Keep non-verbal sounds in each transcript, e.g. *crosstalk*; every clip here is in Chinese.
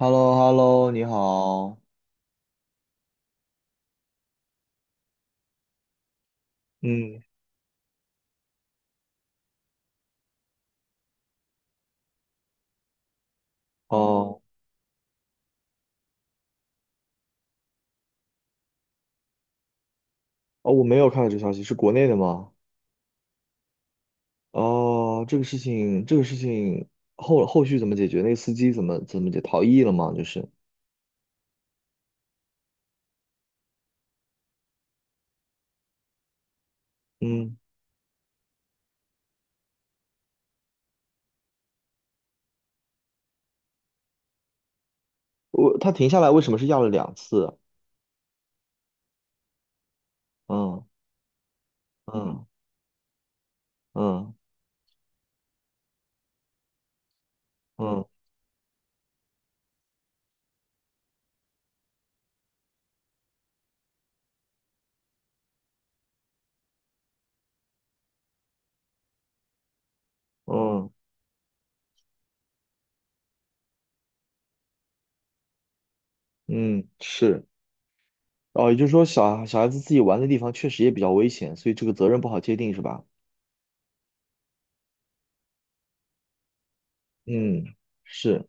h e l l o h e l l o 你好。嗯，哦，哦，我没有看到这个消息，是国内的吗？哦，这个事情，这个事情后续怎么解决？那个司机怎么逃逸了吗？就是，嗯，我他停下来为什么是要了两次？嗯嗯嗯。嗯嗯嗯，是。哦，也就是说小，小孩子自己玩的地方确实也比较危险，所以这个责任不好界定，是吧？嗯，是。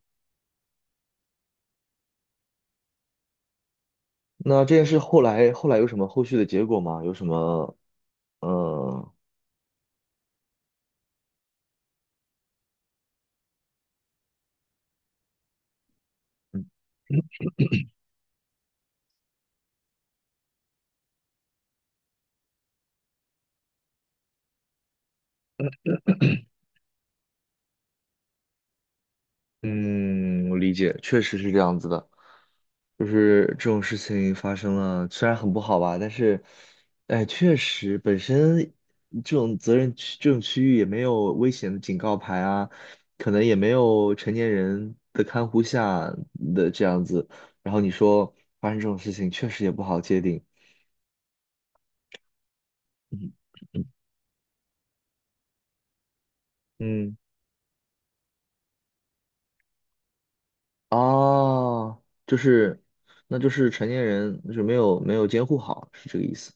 那这件事后来有什么后续的结果吗？有什么？呃嗯。嗯，我理解，确实是这样子的，就是这种事情发生了，虽然很不好吧，但是，哎，确实本身这种责任区这种区域也没有危险的警告牌啊，可能也没有成年人的看护下的这样子，然后你说发生这种事情，确实也不好界定。嗯。嗯。嗯哦，就是，那就是成年人就是没有监护好，是这个意思。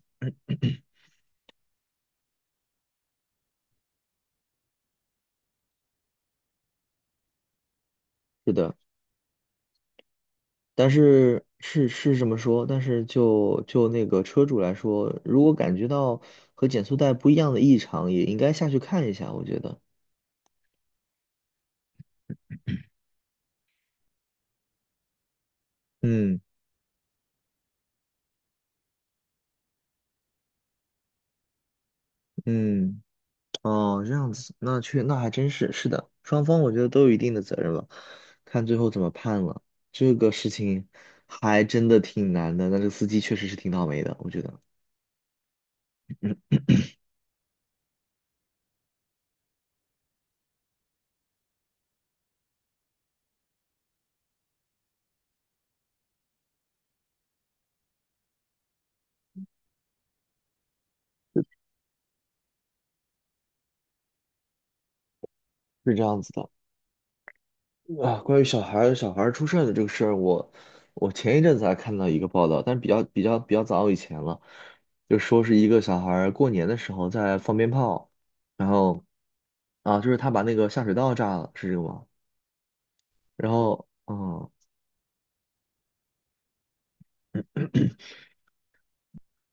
是的，但是这么说，但是就那个车主来说，如果感觉到和减速带不一样的异常，也应该下去看一下，我觉得。嗯。嗯，哦，这样子，那还真是是的，双方我觉得都有一定的责任吧，看最后怎么判了。这个事情还真的挺难的，那这个司机确实是挺倒霉的，我觉得是这样子的。啊，关于小孩儿出事儿的这个事儿，我前一阵子还看到一个报道，但是比较早以前了，就说是一个小孩儿过年的时候在放鞭炮，然后啊，就是他把那个下水道炸了，是这个吗？然后嗯，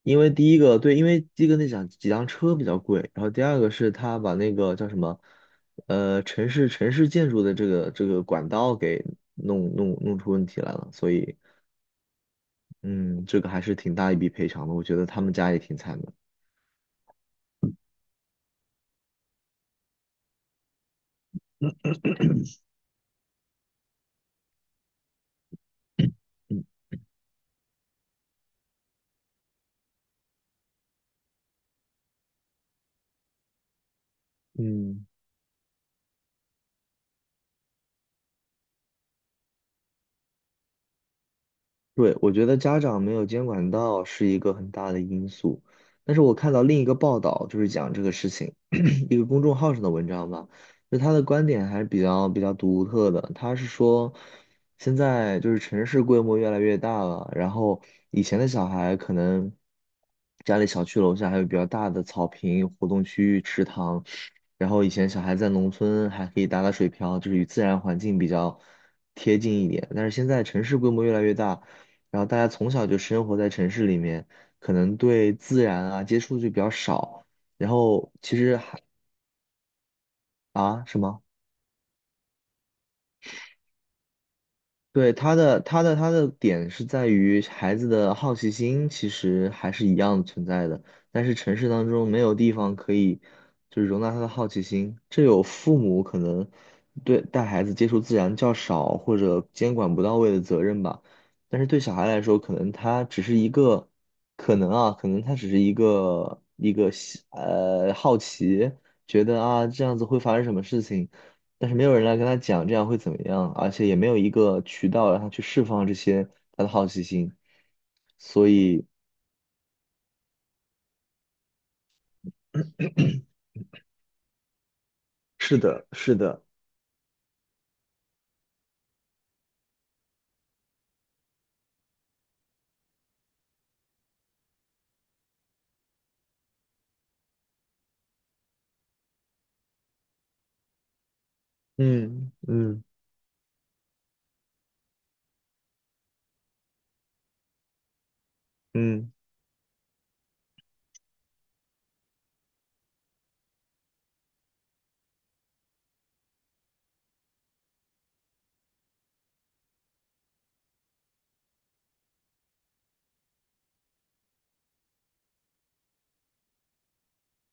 因为第一个对，因为第一个那辆几辆车比较贵，然后第二个是他把那个叫什么城市建筑的这个管道给弄出问题来了，所以。嗯，这个还是挺大一笔赔偿的，我觉得他们家也挺惨的。嗯。嗯。对，我觉得家长没有监管到是一个很大的因素，但是我看到另一个报道，就是讲这个事情，*coughs* *clears throat* 一个公众号上的文章吧，就他的观点还是比较独特的。他是说，现在就是城市规模越来越大了，然后以前的小孩可能家里小区楼下还有比较大的草坪、活动区域、池塘，然后以前小孩在农村还可以打打水漂，就是与自然环境比较贴近一点，但是现在城市规模越来越大。然后大家从小就生活在城市里面，可能对自然啊接触就比较少。然后其实还啊什么？对，他的点是在于孩子的好奇心其实还是一样的存在的，但是城市当中没有地方可以就是容纳他的好奇心，这有父母可能对带孩子接触自然较少或者监管不到位的责任吧，但是对小孩来说，可能他只是一个可能啊，可能他只是一个好奇，觉得啊这样子会发生什么事情。但是没有人来跟他讲这样会怎么样，而且也没有一个渠道让他去释放这些他的好奇心，所以是的，是的，嗯。嗯。嗯，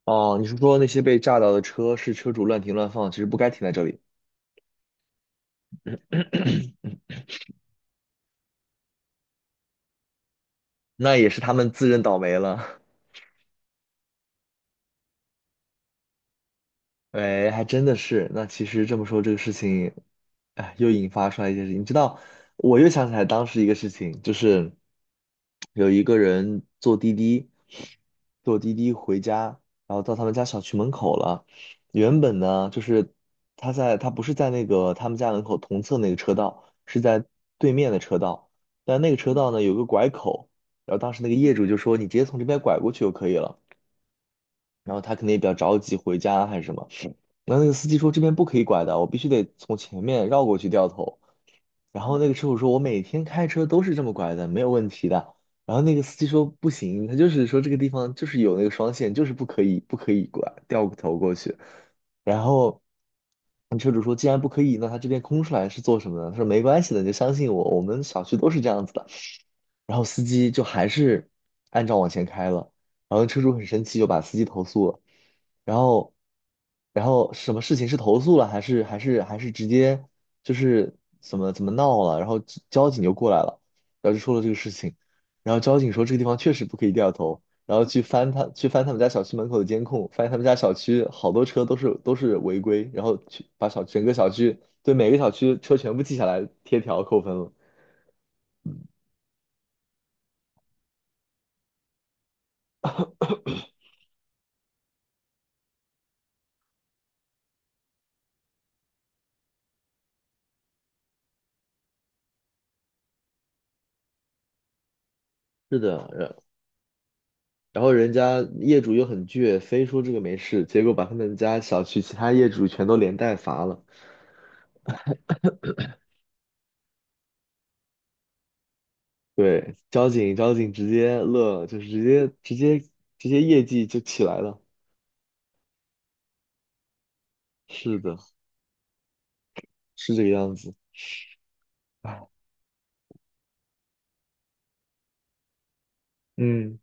哦，你是说那些被炸到的车是车主乱停乱放，其实不该停在这里，那也是他们自认倒霉了。喂，还真的是。那其实这么说，这个事情，哎，又引发出来一件事情。你知道，我又想起来当时一个事情，就是有一个人坐滴滴，坐滴滴回家，然后到他们家小区门口了。原本呢，就是他在他不是在那个他们家门口同侧那个车道，是在对面的车道。但那个车道呢，有个拐口，然后当时那个业主就说：“你直接从这边拐过去就可以了。”然后他可能也比较着急回家还是什么。然后那个司机说这边不可以拐的，我必须得从前面绕过去掉头。然后那个车主说，我每天开车都是这么拐的，没有问题的。然后那个司机说不行，他就是说这个地方就是有那个双线，就是不可以拐掉头过去。然后那车主说，既然不可以，那他这边空出来是做什么呢？他说没关系的，你就相信我，我们小区都是这样子的。然后司机就还是按照往前开了，然后车主很生气，就把司机投诉了，然后，然后什么事情是投诉了，还是直接就是怎么闹了，然后交警就过来了，然后就说了这个事情，然后交警说这个地方确实不可以掉头，然后去翻他去翻他们家小区门口的监控，发现他们家小区好多车都是违规，然后去把小整个小区对每个小区车全部记下来贴条扣分了。是的，然后人家业主又很倔，非说这个没事，结果把他们家小区其他业主全都连带罚了。对，交警直接乐了，就是直接业绩就起来了。是的，是这个样子。唉，嗯，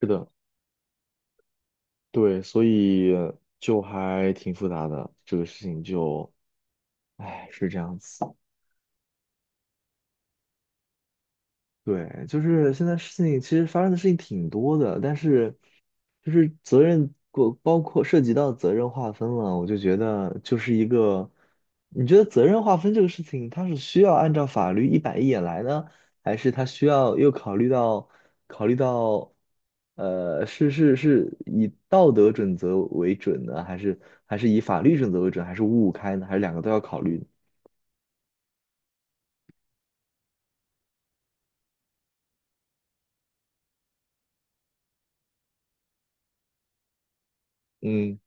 是的，对，所以就还挺复杂的，这个事情就，唉，是这样子。对，就是现在事情其实发生的事情挺多的，但是就是责任过包括涉及到责任划分了，我就觉得就是一个，你觉得责任划分这个事情，它是需要按照法律一板一眼来呢，还是它需要又考虑到考虑到,是以道德准则为准呢，还是还是以法律准则为准，还是五五开呢，还是两个都要考虑呢？嗯。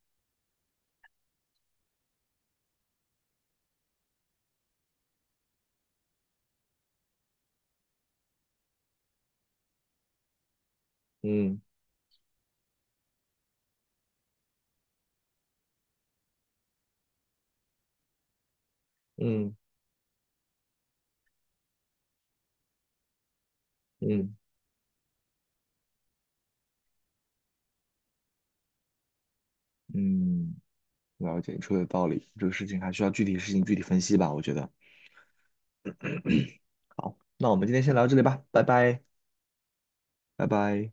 嗯。嗯。嗯。嗯。了解，你说的有道理，这个事情还需要具体事情具体分析吧，我觉得。那我们今天先聊到这里吧，拜拜，拜拜。